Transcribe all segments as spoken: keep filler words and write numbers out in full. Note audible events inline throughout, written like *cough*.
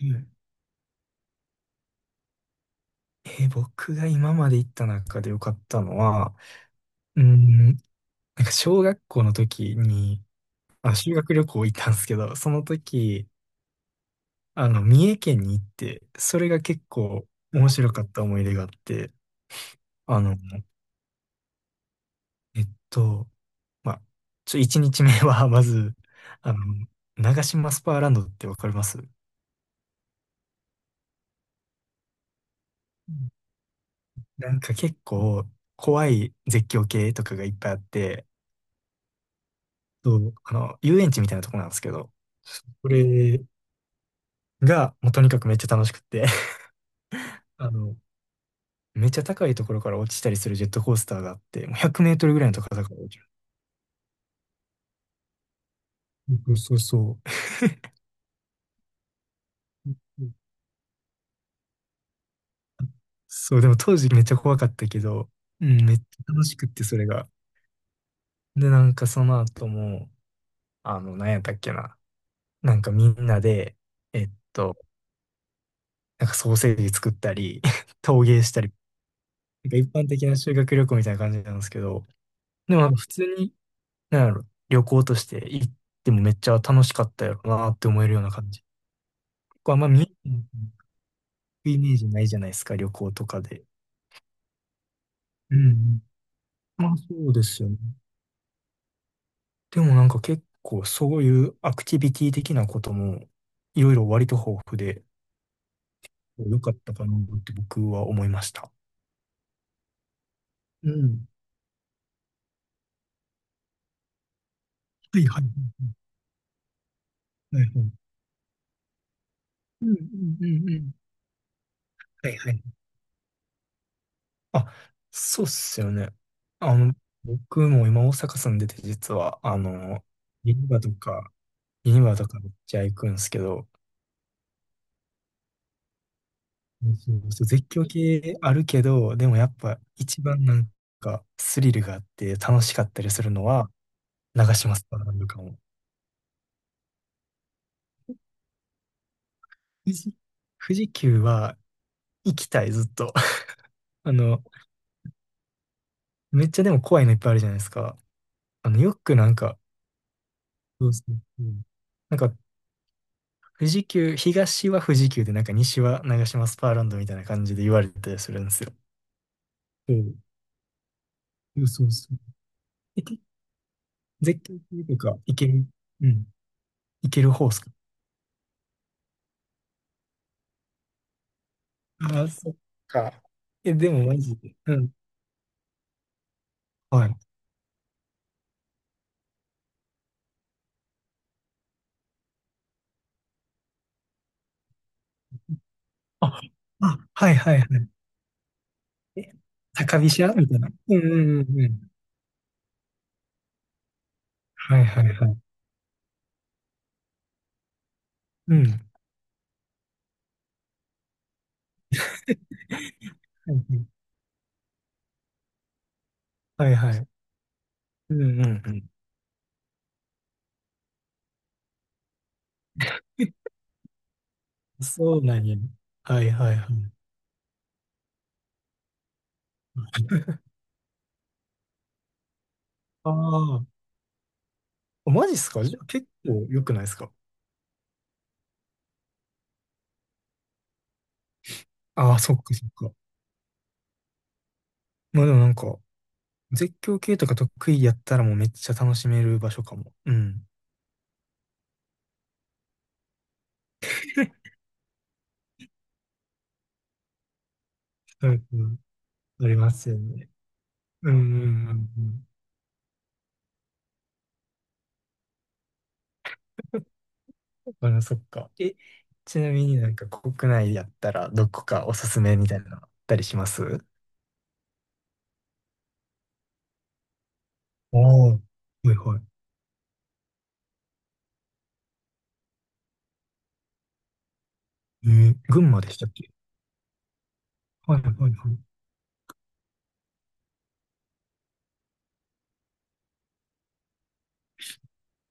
うんえー僕が今まで行った中で良かったのは、うーん、なんか小学校の時に、あ、修学旅行行ったんですけど、その時、あの、三重県に行って、それが結構面白かった思い出があって、あの、えっと、まあ、ちょ、一日目は *laughs* まず、あの、長島スパーランドってわかります？うん。なんか結構怖い絶叫系とかがいっぱいあって、そうあの、遊園地みたいなとこなんですけど、それが、もうとにかくめっちゃ楽しくって *laughs* あの、めっちゃ高いところから落ちたりするジェットコースターがあって、もうひゃくメートルぐらいの高さから落ちる。そうそうそう。うん。そう、でも当時めっちゃ怖かったけど、うん、めっちゃ楽しくって、それが。で、なんかその後も、あの、なんやったっけな。なんかみんなで、えっと、なんかソーセージ作ったり、*laughs* 陶芸したり、なんか一般的な修学旅行みたいな感じなんですけど、でもなんか普通になんやろ、旅行として行ってもめっちゃ楽しかったやろなって思えるような感じ。結構あんま見、うイメージないじゃないですか、旅行とかで。うんうん。まあそうですよね。でもなんか結構そういうアクティビティ的なこともいろいろ割と豊富で良かったかなって僕は思いました。うん。はいはいはい。はい。うんうんうんうん。はいはい。あ、そうっすよね。あの、僕も今大阪住んでて実は、あの、銀座とか今とかめっちゃ行くんすけど、そうそう絶叫系あるけど、でもやっぱ一番なんかスリルがあって楽しかったりするのは長島スパランドかも。富士、富士急は行きたい、ずっと。*laughs* あの、めっちゃでも怖いのいっぱいあるじゃないですか。あの、よくなんか、そうそうそう。なんか富士急、東は富士急でなんか西は長島スパーランドみたいな感じで言われたりするんですよ。そう、そうそうそう。えけ絶叫系とか行ける、うん、行ける方っすか？ああ、そっか。え、でもマジで。うん。はい。あ、あ、はいはいはい。え、高飛車みたいな。うんうんうんうん。はいはいはい。うん。はいはい。はいはい。うんうんうん。え、そうなんや。はいはいはい。ああ、マジっすか？じゃあ結構良くないですか？ああ、そっかそっか。まあでもなんか、絶叫系とか得意やったらもうめっちゃ楽しめる場所かも。うん。うんうん。ありますよね。うんうんうんうん。あら、そっか。え、ちなみになんか国内やったらどこかおすすめみたいなのあったりします？おあ、はいはい。えー群馬でしたっけ？はいはいはい。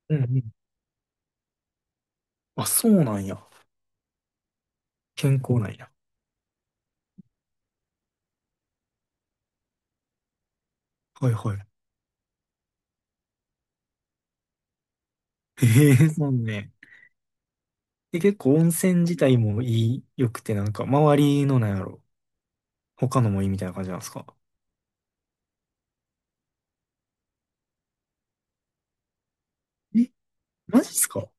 うんうん。あ、そうなんや。健康なんや。はいはい。ええそうね。で、結構温泉自体もいい、良くて、なんか、周りのなんやろ。他のもいいみたいな感じなんですか？え、マジっすか？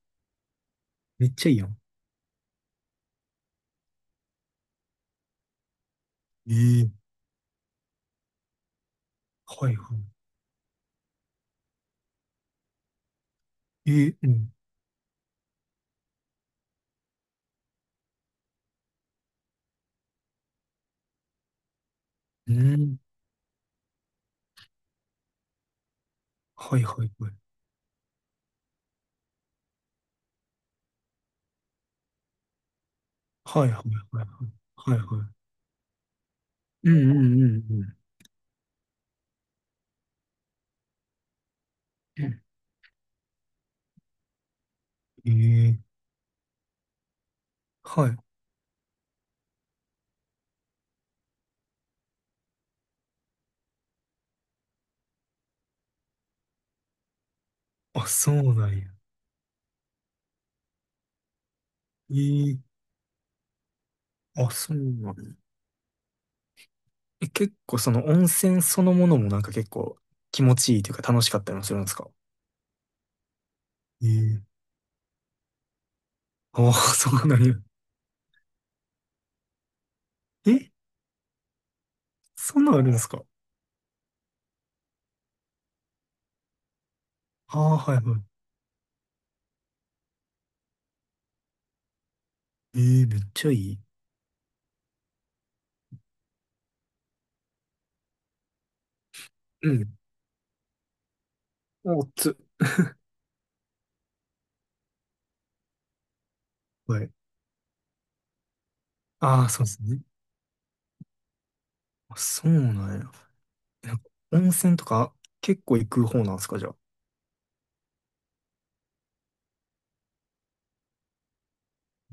めっちゃいいやん。ええ。はいはい。ええ。うん。うん。はいはいはい。はいはいはいはい。はいはい。うんうんうんうん。ええ。はい。あ、そうなんや。ええ。あ、そうなんや。え、結構その温泉そのものもなんか結構気持ちいいというか楽しかったりもするんですか？ええ。ああ、そうなんや。え、そんなんあるんですか？ああ、はいはい。ええ、めっちゃいい。うん。おつ。はい。ああ、そうですね。あ、そうなんや。え、なんか温泉とか結構行く方なんですか、じゃあ？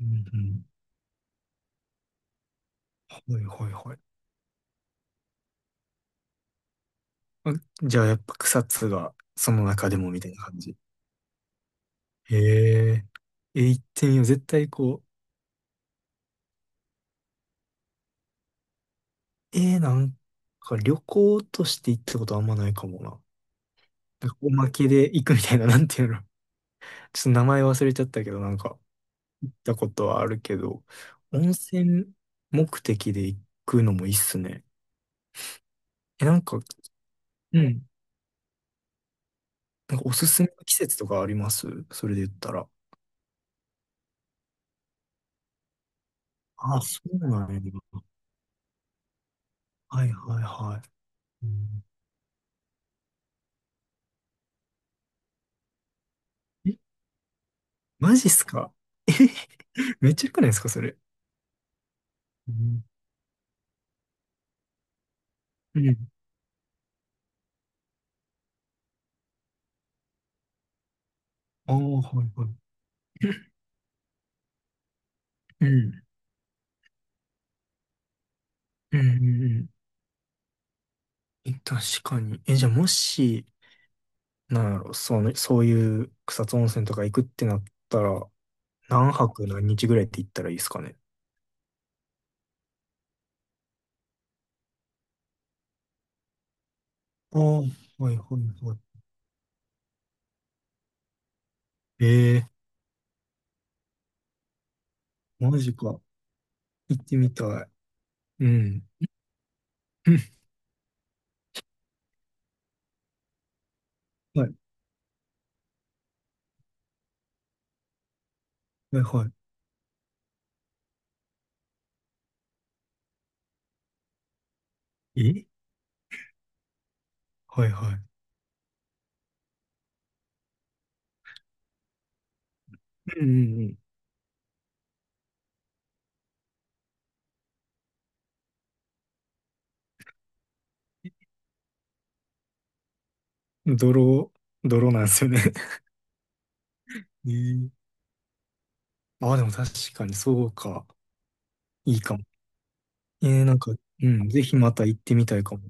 うんうん。はいはいはい。あ、じゃあやっぱ草津がその中でもみたいな感じ。へえ。え、行ってみよう。絶対こう、えー、なんか旅行として行ったことあんまないかもな。なんかおまけで行くみたいな、なんていうの。ちょっと名前忘れちゃったけど、なんか行ったことはあるけど、温泉目的で行くのもいいっすね。え、なんか、うん。なんかおすすめの季節とかあります、それで言ったら？あ、そうなんや。はいはいはい。うん。え、マジっすか？え、めっちゃ良くないですか、それ？うん。うん。ああ、はいはい。うん。うん。うんうん。確かに。え、じゃあもし、なんやろ、その、そういう草津温泉とか行くってなったら、何泊何日ぐらいって行ったらいいですかね？ああ、はいはいはい。ええーマジか。行ってみたい。うん。*laughs* うん、はい、はいはえい。え、はいはい、うんうんうん。泥、泥なんですよね。*laughs* ええ。ああ、でも確かにそうか。いいかも。えー、なんか、うん、ぜひまた行ってみたいかも。